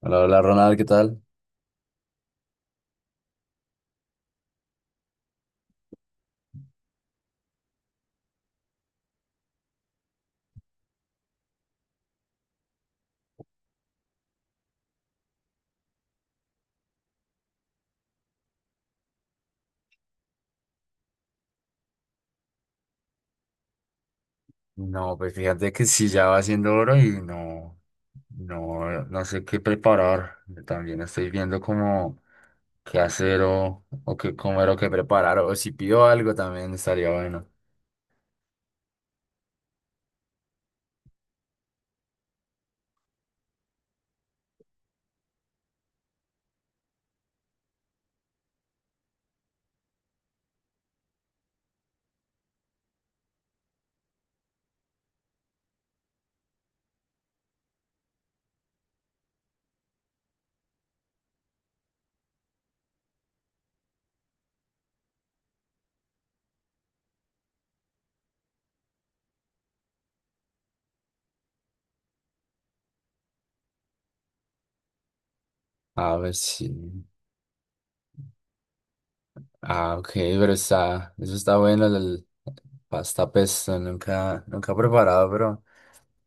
Hola, hola Ronald, ¿qué tal? No, pues fíjate que sí, ya va siendo hora y no sé qué preparar. También estoy viendo como qué hacer o qué comer o qué preparar. O si pido algo también estaría bueno. A ver si... Ah, ok, pero está... Eso está bueno, el pasta pesto. Nunca he preparado, pero...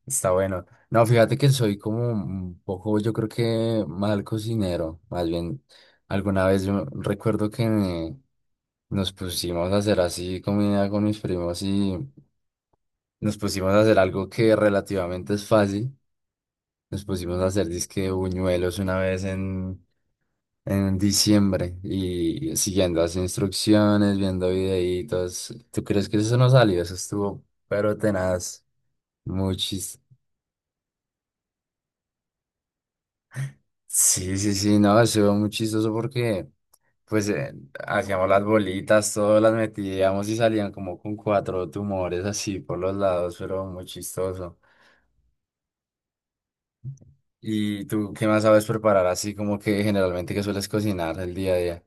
Está bueno. No, fíjate que soy como un poco, yo creo que mal cocinero. Más bien, alguna vez yo recuerdo que nos pusimos a hacer así comida con mis primos y nos pusimos a hacer algo que relativamente es fácil. Nos pusimos a hacer disque buñuelos una vez en diciembre y siguiendo las instrucciones, viendo videitos. ¿Tú crees que eso no salió? Eso estuvo, pero tenaz, muy chistoso. Sí, sí, sí, no, se ve muy chistoso porque pues hacíamos las bolitas, todas las metíamos y salían como con cuatro tumores así por los lados, pero muy chistoso. ¿Y tú qué más sabes preparar así como que generalmente que sueles cocinar el día a día?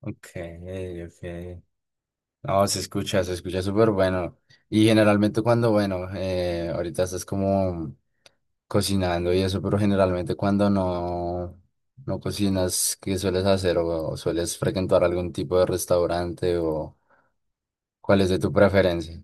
Ok, ok. No, se escucha súper bueno. Y generalmente cuando, bueno, ahorita estás como cocinando y eso, pero generalmente cuando no cocinas, ¿qué sueles hacer? O sueles frecuentar algún tipo de restaurante? ¿O cuál es de tu preferencia?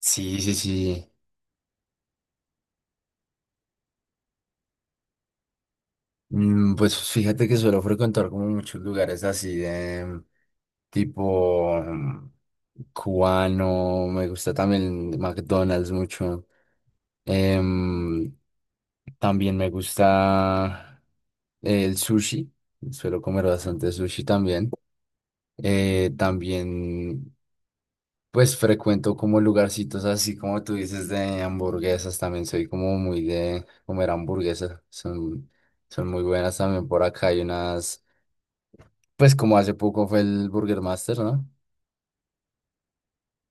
Sí, sí, sí. Mm, pues fíjate que suelo frecuentar como muchos lugares así de tipo mm, cubano. Me gusta también McDonald's mucho. Em, También me gusta el sushi, suelo comer bastante sushi también. También, pues frecuento como lugarcitos así como tú dices, de hamburguesas. También soy como muy de comer hamburguesas, son muy buenas también por acá, hay unas, pues como hace poco fue el Burger Master, ¿no?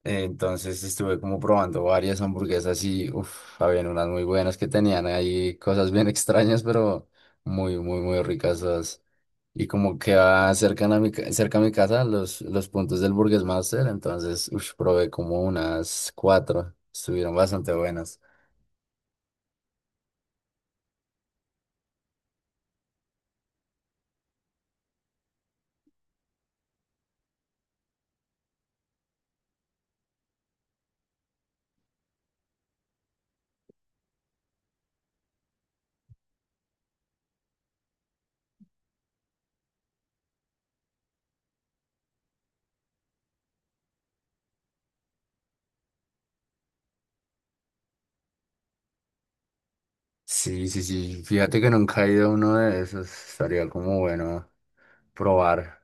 Entonces estuve como probando varias hamburguesas y, uff, habían unas muy buenas que tenían ahí cosas bien extrañas, pero muy, muy, muy ricas todas. Y como queda cerca a cerca a mi casa los puntos del Burgers Master, entonces ush, probé como unas cuatro, estuvieron bastante buenas. Sí, sí, sí, fíjate que nunca he ido a uno de esos, estaría como bueno probar.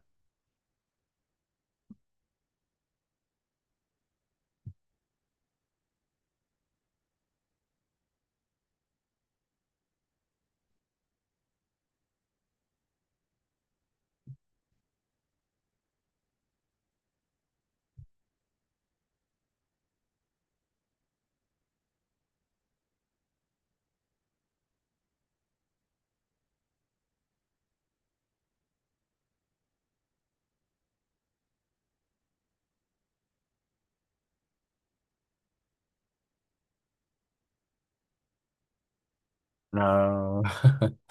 No.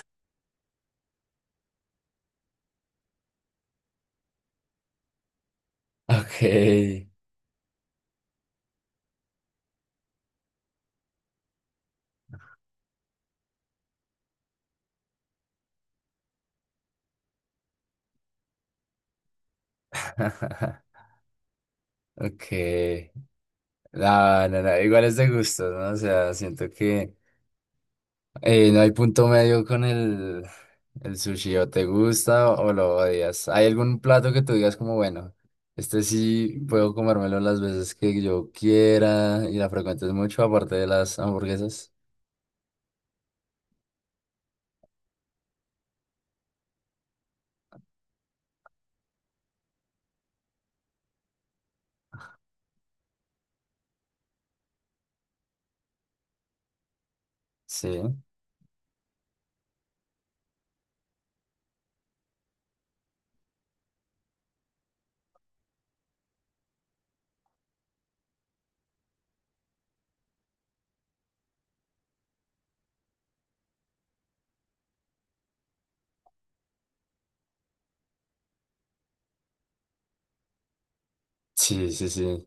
Okay. Okay. No, no, no, igual es de gustos, ¿no? O sea, siento que... no hay punto medio con el sushi, o te gusta o lo odias. ¿Hay algún plato que tú digas como, bueno, este sí puedo comérmelo las veces que yo quiera y la frecuentes mucho, aparte de las hamburguesas? Sí, sí, sí, sí.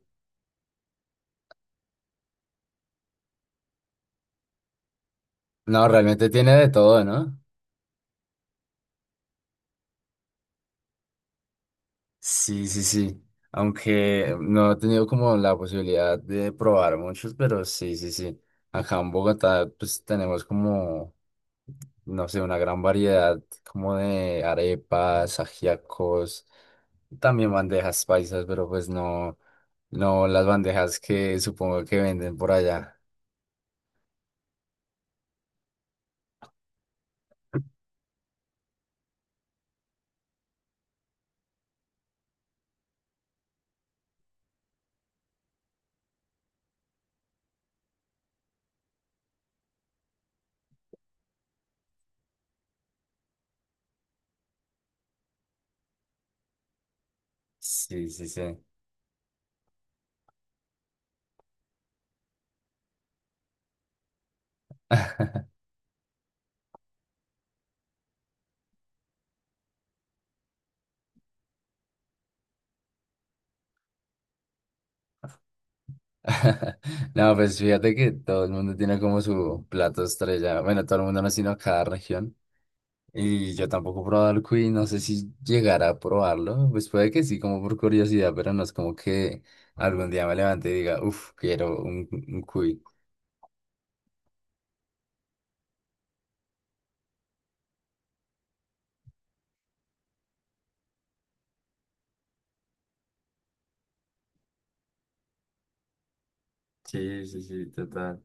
No, realmente tiene de todo, ¿no? Sí, sí, sí. Aunque no he tenido como la posibilidad de probar muchos, pero sí, sí, sí. Acá en Bogotá, pues tenemos como, no sé, una gran variedad como de arepas, ajíacos, también bandejas paisas, pero pues no, no las bandejas que supongo que venden por allá. Sí, sí, sí. No, pues fíjate que todo el mundo tiene como su plato estrella. Bueno, todo el mundo no, sino cada región. Y yo tampoco he probado el cuy, no sé si llegará a probarlo. Pues puede que sí, como por curiosidad, pero no es como que algún día me levante y diga, uff, quiero un cuy. Sí, sí, sí, total.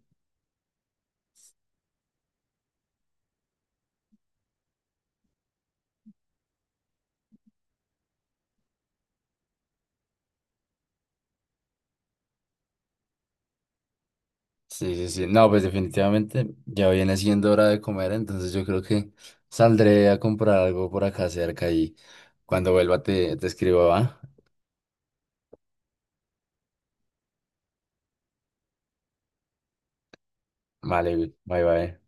Sí, sí, sí. No, pues definitivamente ya viene siendo hora de comer, entonces yo creo que saldré a comprar algo por acá cerca y cuando vuelva te escribo, ¿va? Vale, bye bye.